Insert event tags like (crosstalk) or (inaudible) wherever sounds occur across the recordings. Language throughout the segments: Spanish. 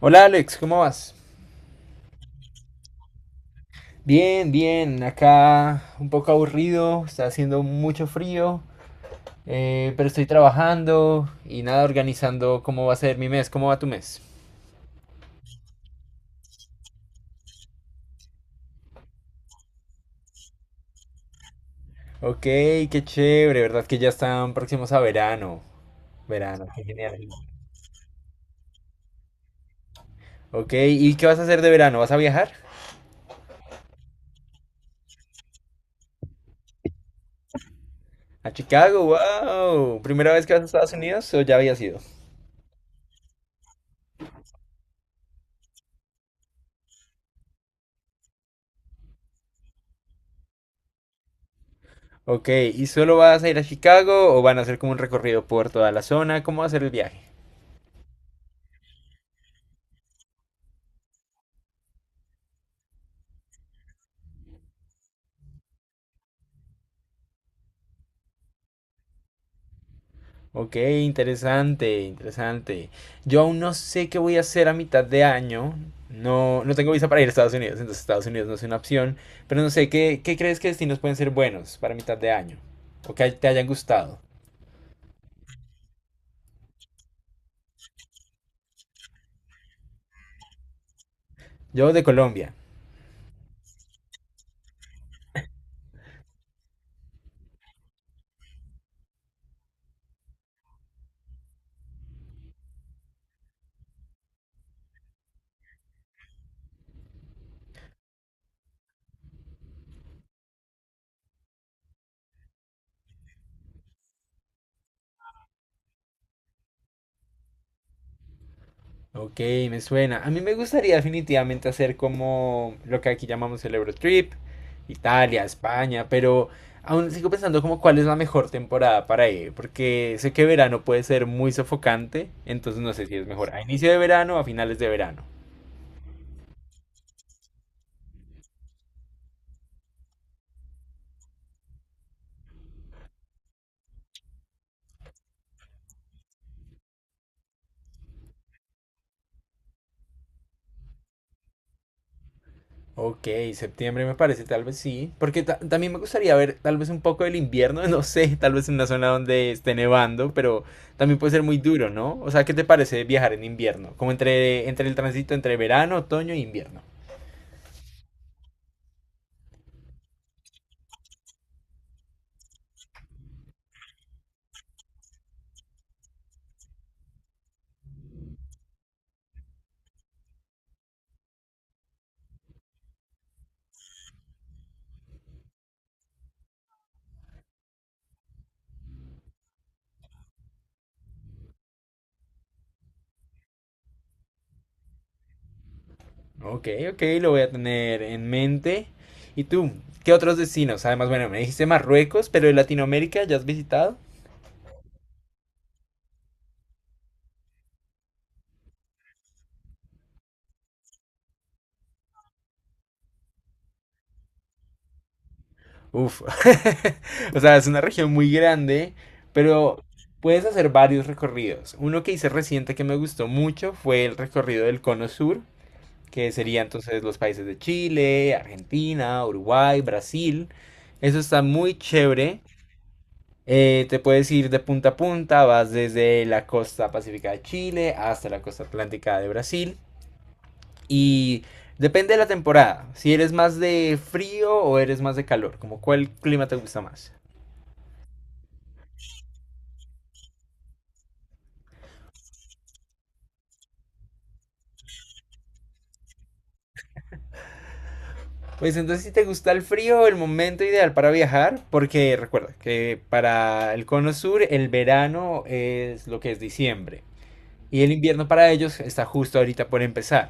Hola Alex, ¿cómo vas? Bien, bien, acá un poco aburrido, está haciendo mucho frío, pero estoy trabajando y nada, organizando cómo va a ser mi mes, cómo va tu mes. Ok, qué chévere, ¿verdad? Que ya están próximos a verano. Verano, qué genial. Ok, ¿y qué vas a hacer de verano? ¿Vas a viajar? ¿A Chicago? ¡Wow! ¿Primera vez que vas a Estados Unidos o ya habías ido? Ok, ¿y solo vas a ir a Chicago o van a hacer como un recorrido por toda la zona? ¿Cómo va a ser el viaje? Ok, interesante, interesante. Yo aún no sé qué voy a hacer a mitad de año. No, no tengo visa para ir a Estados Unidos, entonces Estados Unidos no es una opción. Pero no sé, ¿qué crees que destinos pueden ser buenos para mitad de año? O que te hayan gustado. Yo de Colombia. Ok, me suena. A mí me gustaría definitivamente hacer como lo que aquí llamamos el Eurotrip, Italia, España, pero aún sigo pensando como cuál es la mejor temporada para ir, porque sé que verano puede ser muy sofocante, entonces no sé si es mejor a inicio de verano o a finales de verano. Ok, septiembre me parece, tal vez sí, porque también me gustaría ver tal vez un poco del invierno, (laughs) no sé, tal vez en una zona donde esté nevando, pero también puede ser muy duro, ¿no? O sea, ¿qué te parece viajar en invierno? Como entre el tránsito entre verano, otoño e invierno. Ok, ok, lo voy a tener en mente. ¿Y tú? ¿Qué otros destinos? Además, bueno, me dijiste Marruecos, pero de Latinoamérica, ¿ya has visitado? Uf. (laughs) O sea, es una región muy grande, pero puedes hacer varios recorridos. Uno que hice reciente que me gustó mucho fue el recorrido del Cono Sur, que sería entonces los países de Chile, Argentina, Uruguay, Brasil. Eso está muy chévere. Te puedes ir de punta a punta, vas desde la costa pacífica de Chile hasta la costa atlántica de Brasil. Y depende de la temporada, si eres más de frío o eres más de calor, como cuál clima te gusta más. Pues entonces si te gusta el frío, el momento ideal para viajar, porque recuerda que para el cono sur el verano es lo que es diciembre y el invierno para ellos está justo ahorita por empezar,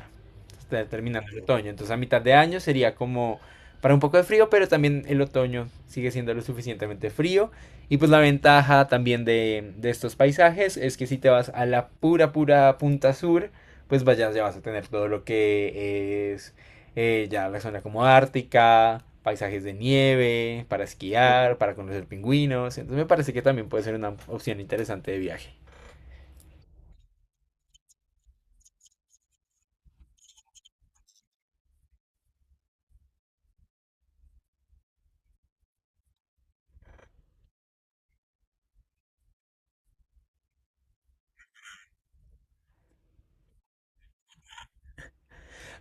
está terminando el otoño. Entonces a mitad de año sería como para un poco de frío, pero también el otoño sigue siendo lo suficientemente frío. Y pues la ventaja también de estos paisajes es que si te vas a la pura, pura punta sur, pues vayas, ya vas a tener todo lo que es ya la zona como ártica, paisajes de nieve, para esquiar, para conocer pingüinos. Entonces me parece que también puede ser una opción interesante de viaje.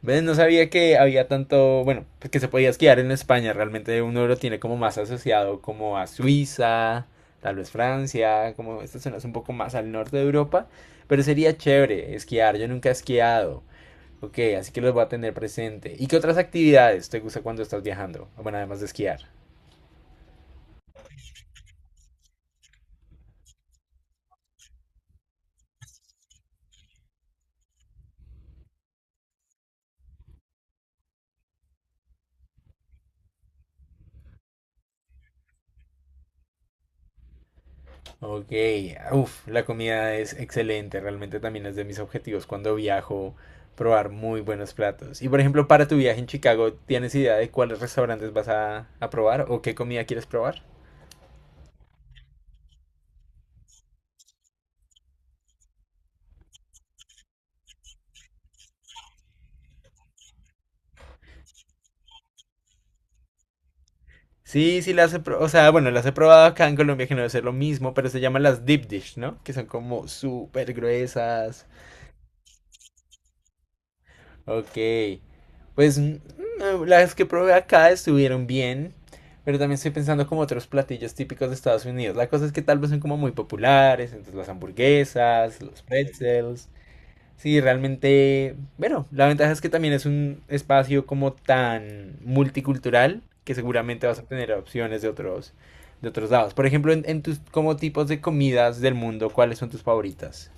¿Ves? No sabía que había tanto, bueno, pues que se podía esquiar en España. Realmente uno lo tiene como más asociado como a Suiza, tal vez Francia, como estas zonas un poco más al norte de Europa. Pero sería chévere esquiar. Yo nunca he esquiado. Ok, así que los voy a tener presente. ¿Y qué otras actividades te gusta cuando estás viajando? Bueno, además de esquiar. Ok, uff, la comida es excelente, realmente también es de mis objetivos cuando viajo, probar muy buenos platos. Y por ejemplo, para tu viaje en Chicago, ¿tienes idea de cuáles restaurantes vas a probar o qué comida quieres probar? Sí, sí, o sea, bueno, las he probado acá en Colombia, que no debe ser lo mismo, pero se llaman las deep dish, ¿no? Que son como súper gruesas. Ok. Pues las que probé acá estuvieron bien, pero también estoy pensando como otros platillos típicos de Estados Unidos. La cosa es que tal vez son como muy populares, entonces las hamburguesas, los pretzels. Sí, realmente, bueno, la ventaja es que también es un espacio como tan multicultural que seguramente vas a tener opciones de otros lados. Por ejemplo, en tus como tipos de comidas del mundo, ¿cuáles son tus favoritas?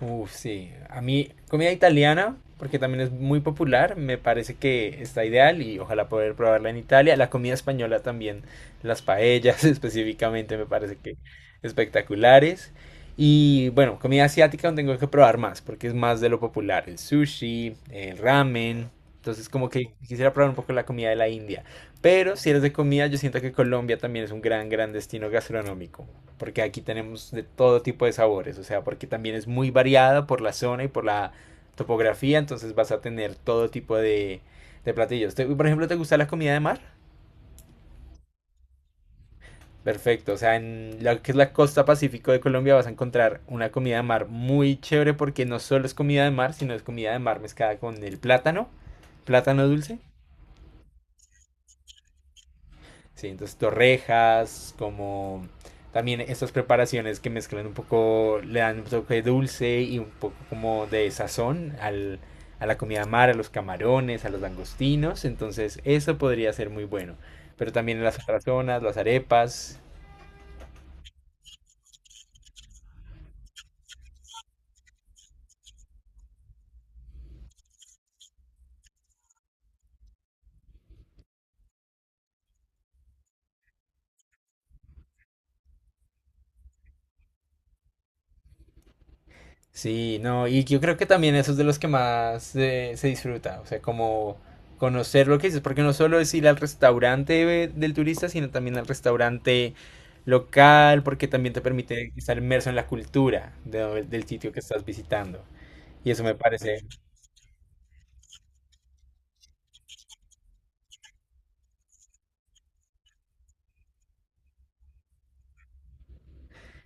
Uf, sí. A mí, comida italiana, porque también es muy popular, me parece que está ideal y ojalá poder probarla en Italia. La comida española también, las paellas (laughs) específicamente me parece que espectaculares. Y bueno, comida asiática donde tengo que probar más, porque es más de lo popular, el sushi, el ramen. Entonces como que quisiera probar un poco la comida de la India. Pero si eres de comida, yo siento que Colombia también es un gran, gran destino gastronómico, porque aquí tenemos de todo tipo de sabores, o sea, porque también es muy variada por la zona y por la topografía, entonces vas a tener todo tipo de platillos. Por ejemplo, ¿te gusta la comida de mar? Perfecto, o sea, en lo que es la costa pacífico de Colombia vas a encontrar una comida de mar muy chévere porque no solo es comida de mar, sino es comida de mar mezclada con el plátano, plátano dulce. Sí, entonces torrejas, como también estas preparaciones que mezclan un poco, le dan un toque dulce y un poco como de sazón al, a la comida mar, a los camarones, a los langostinos, entonces eso podría ser muy bueno. Pero también en las otras zonas, las arepas. Sí, no, y yo creo que también eso es de los que más se disfruta, o sea, como conocer lo que dices, porque no solo es ir al restaurante del turista, sino también al restaurante local, porque también te permite estar inmerso en la cultura de del sitio que estás visitando. Y eso me parece,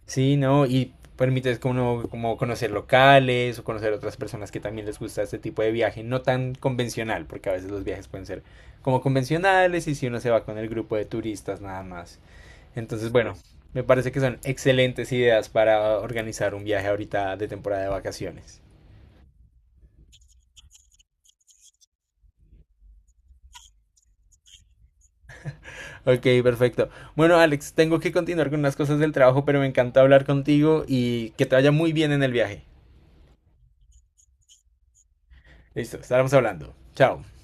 sí, no, y permite como, como conocer locales o conocer otras personas que también les gusta este tipo de viaje, no tan convencional, porque a veces los viajes pueden ser como convencionales y si uno se va con el grupo de turistas nada más. Entonces, bueno, me parece que son excelentes ideas para organizar un viaje ahorita de temporada de vacaciones. Ok, perfecto. Bueno, Alex, tengo que continuar con unas cosas del trabajo, pero me encantó hablar contigo y que te vaya muy bien en el viaje. Listo, estaremos hablando. Chao.